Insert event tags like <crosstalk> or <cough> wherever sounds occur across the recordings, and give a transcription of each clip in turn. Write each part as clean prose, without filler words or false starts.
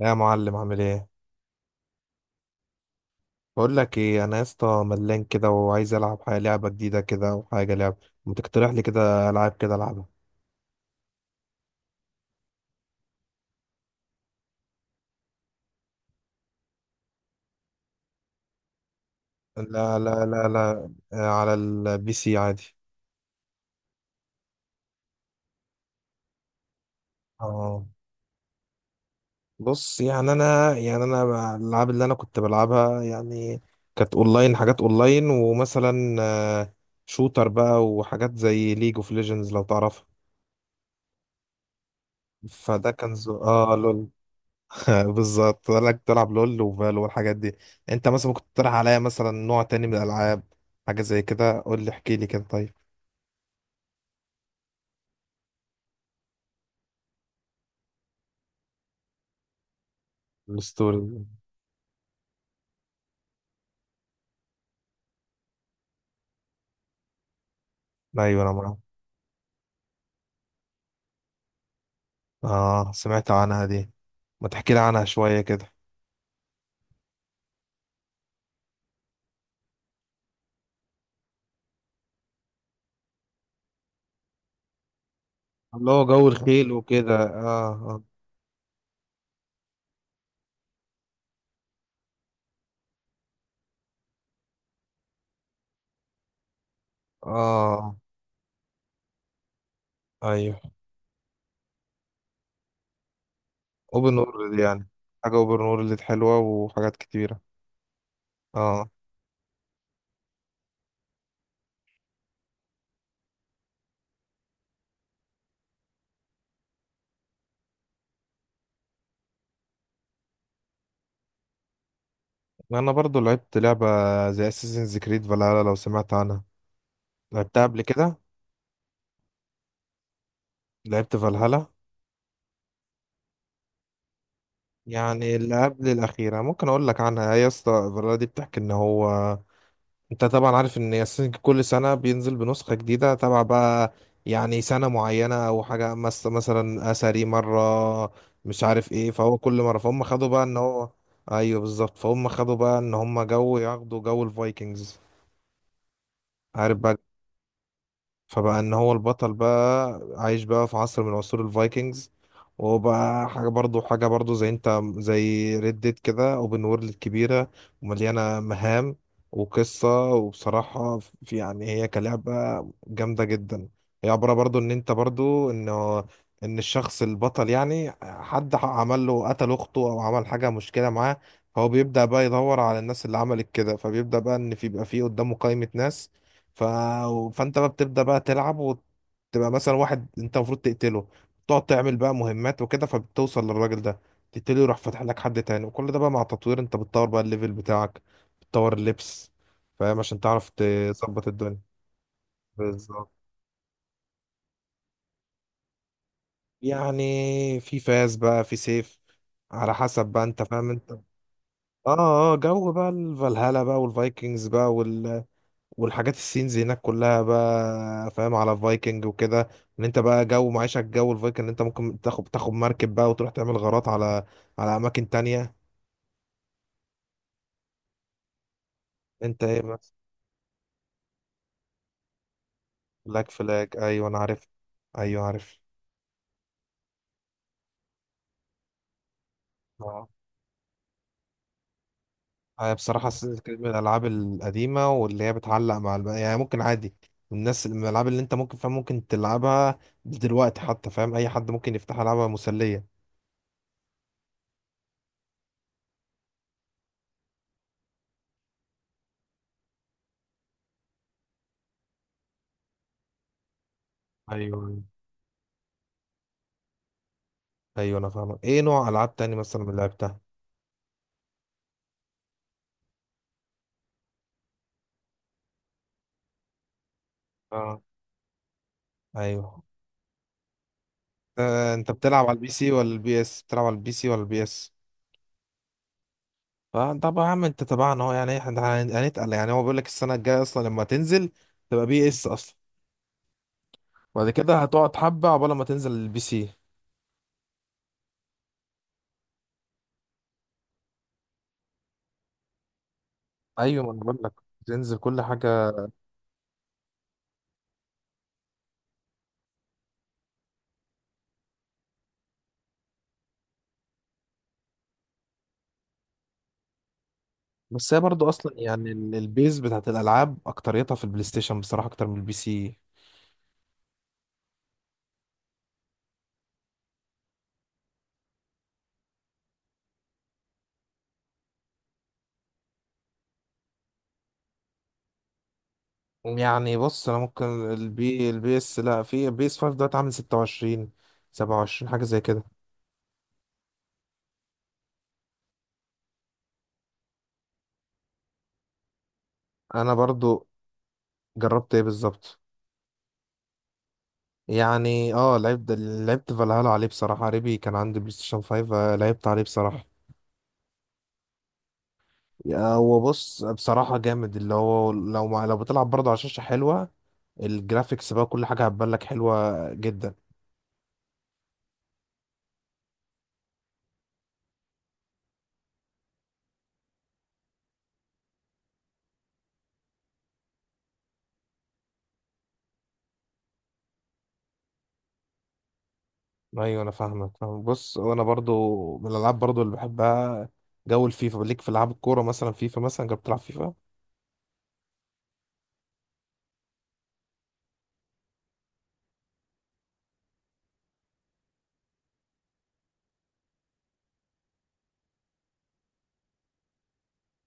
يا معلم، عامل ايه؟ بقول لك ايه، انا يا اسطى ملان كده وعايز العب حاجه، لعبه جديده كده وحاجه لعب. ما تقترح لي كده العاب كده العبها. لا لا لا لا آه، على البي سي عادي. اه، بص يعني انا الالعاب اللي انا كنت بلعبها يعني كانت اونلاين، حاجات اونلاين، ومثلا شوتر بقى وحاجات زي ليج اوف ليجندز لو تعرفها. فده كان ز... اه لول. <laughs> بالظبط، قال لك تلعب لول وفالو والحاجات دي. انت مثلا ممكن تقترح عليا مثلا نوع تاني من الالعاب، حاجه زي كده؟ قول لي احكي لي كده. طيب الستوري. ايوه انا معاك. اه سمعت عنها دي، ما تحكي لي عنها شويه كده. اللي هو جو الخيل وكده، اه. اه. اه ايوه. اوبن وورلد يعني، حاجه اوبن وورلد حلوه وحاجات كتيره. اه، انا برضو لعبت لعبه زي اساسنز كريد فالهالا، لو سمعت عنها لعبتها قبل كده. لعبت فالهالا، يعني اللي قبل الأخيرة. ممكن أقول لك عنها، هي يا اسطى الفيلا دي بتحكي إن هو، أنت طبعا عارف إن ياسين كل سنة بينزل بنسخة جديدة تبع بقى يعني سنة معينة أو حاجة مثلا أثري مرة مش عارف إيه، فهو كل مرة فهم خدوا بقى إن هو، أيوه بالظبط، فهم خدوا بقى إن هم جو ياخدوا جو الفايكنجز، عارف بقى. فبقى ان هو البطل بقى عايش بقى في عصر من عصور الفايكنجز، وبقى حاجة برضو زي انت زي ريد ديد كده، اوبن وورلد كبيرة ومليانة مهام وقصة. وبصراحة في يعني هي كلعبة جامدة جدا. هي عبارة برضو ان انت برضو انه، ان الشخص البطل يعني حد عمل له قتل اخته او عمل حاجة، مشكلة معاه، فهو بيبدأ بقى يدور على الناس اللي عملت كده. فبيبدأ بقى ان في، بيبقى في قدامه قائمة ناس، ف... فانت بقى بتبدأ بقى تلعب وتبقى مثلا واحد انت المفروض تقتله، تقعد تعمل بقى مهمات وكده، فبتوصل للراجل ده تقتله، يروح فاتح لك حد تاني. وكل ده بقى مع تطوير، انت بتطور بقى الليفل بتاعك، بتطور اللبس، فاهم، عشان تعرف تظبط الدنيا. بالظبط، يعني في فاس بقى، في سيف، على حسب بقى انت، فاهم انت. اه اه. جو بقى الفالهالا بقى والفايكنجز بقى، والحاجات السينز هناك كلها بقى فاهم على فايكنج وكده، ان انت بقى جو معيشة الجو الفايكنج، ان انت ممكن تاخد مركب بقى وتروح تعمل غارات على على اماكن تانية. انت ايه بس! بلاك فلاج، ايوه انا عارف. ايوه عارف. اه، هي بصراحة سلسلة كانت من الالعاب القديمة، واللي هي بتعلق مع يعني ممكن عادي الناس من الالعاب اللي انت ممكن، فاهم، ممكن تلعبها دلوقتي حتى، فاهم، اي حد ممكن يفتح العابها، مسلية. ايوه. ايوه انا فاهمك. ايه نوع العاب تاني مثلا من اللي لعبتها؟ اه، ايوه. انت بتلعب على البي سي ولا البي اس؟ بتلعب على البي سي ولا البي اس؟ فطب يا عم انت تبعنا اهو، يعني احنا هنتقل، يعني هو بيقول لك السنه الجايه اصلا لما تنزل تبقى بي اس اصلا، بعد كده هتقعد حبه عقبال ما تنزل البي سي. ايوه، ما انا بقول لك تنزل كل حاجه. بس هي برضو اصلا يعني البيز بتاعت الالعاب اكتريتها في البلاي ستيشن بصراحه اكتر من البي سي. يعني بص انا ممكن، البي اس، لا، في البي اس 5 دلوقتي عامل 26 27، حاجه زي كده. انا برضو جربت ايه بالظبط، يعني اه، لعبت فالهالا عليه بصراحة، ريبي كان عندي بلاي ستيشن 5 لعبت عليه بصراحة. هو بص بصراحة جامد اللي هو، لو ما لو بتلعب برضه على شاشة حلوة، الجرافيكس بقى كل حاجة هتبان لك حلوة جدا. ايوه انا فاهمك، فاهم. بص وانا برضه من الالعاب برضه اللي بحبها جو الفيفا، ليك في العاب الكورة مثلا. فيفا مثلا، جربت تلعب فيفا؟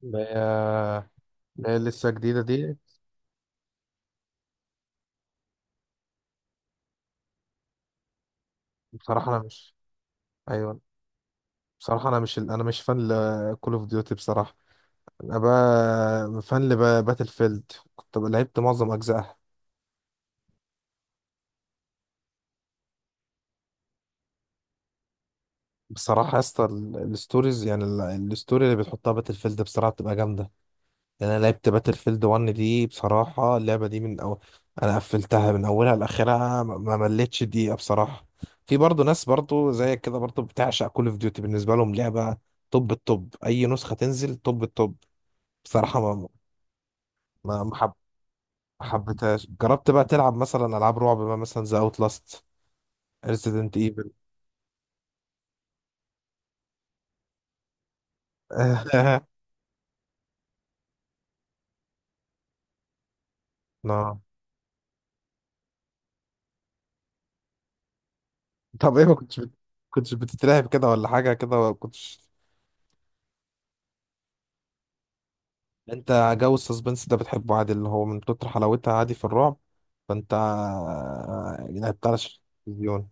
اللي هي، اللي هي لسه جديدة دي. بصراحة انا مش، ايوه بصراحة انا مش، انا مش فان لكول اوف ديوتي بصراحة. انا بقى فان لباتل فيلد، كنت بقى لعبت معظم اجزائها. بصراحه يا اسطى الستوريز يعني الستوري اللي بتحطها باتل فيلد بصراحه بتبقى جامده. يعني انا لعبت باتل فيلد 1 دي بصراحه، اللعبه دي من انا قفلتها من اولها لاخرها، ما مليتش دقيقه بصراحه. في برضه ناس برضه زيك كده برضه بتعشق كول اوف ديوتي، بالنسبه لهم لعبه توب التوب، اي نسخه تنزل توب التوب. بصراحه ما ما حب... ما حبيتهاش. جربت بقى تلعب مثلا العاب رعب بقى مثلا زي اوت لاست، ريزيدنت؟ <laughs> اه. طب ايه، ما كنتش بتترعب كده ولا حاجة، كده ولا كنتش؟ يعني انت جو السسبنس ده بتحبه عادي، اللي هو من كتر حلاوتها عادي في الرعب. فانت لعبت على التلفزيون.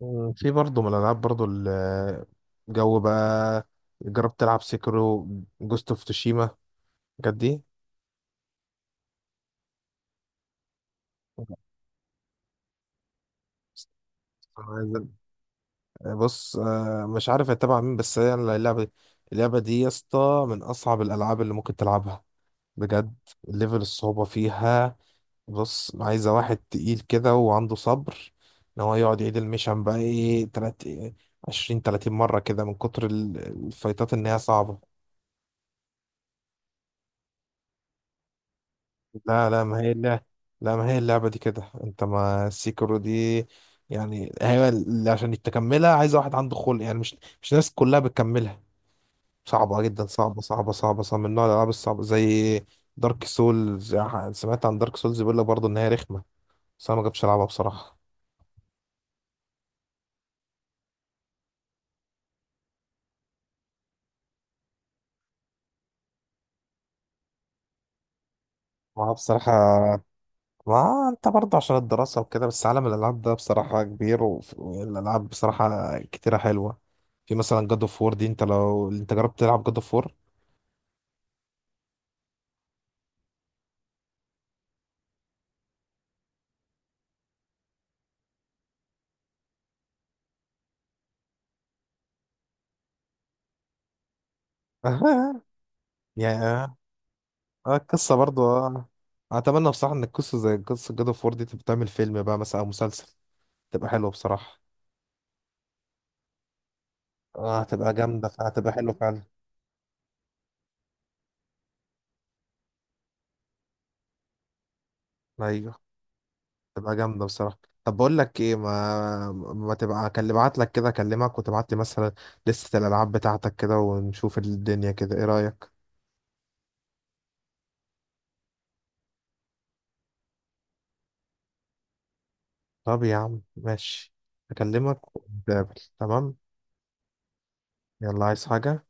مم، في برضه من الألعاب برضه جو بقى، جربت تلعب سيكرو، جوست اوف توشيما، الحاجات دي؟ بص مش عارف اتبع مين، بس هي اللعبة دي، اللعبة دي يا اسطى من أصعب الألعاب اللي ممكن تلعبها بجد. ليفل الصعوبة فيها، بص عايزة واحد تقيل كده وعنده صبر ان هو يقعد يعيد المشن بقى ايه، تلات عشرين تلاتين مرة كده، من كتر الفايتات ان هي صعبة. لا ما هي لا ما هي اللعبة دي كده انت، ما السيكرو دي يعني هي اللي عشان تكملها عايزة واحد عنده خلق، يعني مش، مش الناس كلها بتكملها. صعبة جدا، صعبة، من نوع الألعاب الصعبة زي دارك سولز. سمعت عن دارك سولز، بيقول لك برضه إن هي رخمة، بس أنا ما جبتش ألعبها بصراحة. ما هو بصراحة، ما انت برضه عشان الدراسة وكده، بس عالم الألعاب ده بصراحة كبير، والألعاب بصراحة كتيرة حلوة. في مثلا جاد اوف وور دي، انت لو جربت تلعب جاد اوف وور؟ <laughs> يا، القصة برضه، آه. أتمنى بصراحة إن القصة زي قصة جاد اوف وور دي تبقى تعمل فيلم بقى مثلا أو مسلسل، تبقى حلوة بصراحة. هتبقى جامدة، هتبقى حلوة فعلا. أيوه، تبقى جامدة بصراحة. طب بقول لك ايه، ما تبقى اكلم، ابعت لك كده، اكلمك وتبعت لي مثلا لستة الالعاب بتاعتك كده، ونشوف الدنيا كده، ايه رأيك؟ طب يا عم ماشي، اكلمك ونتقابل. تمام. يلا، عايز حاجة؟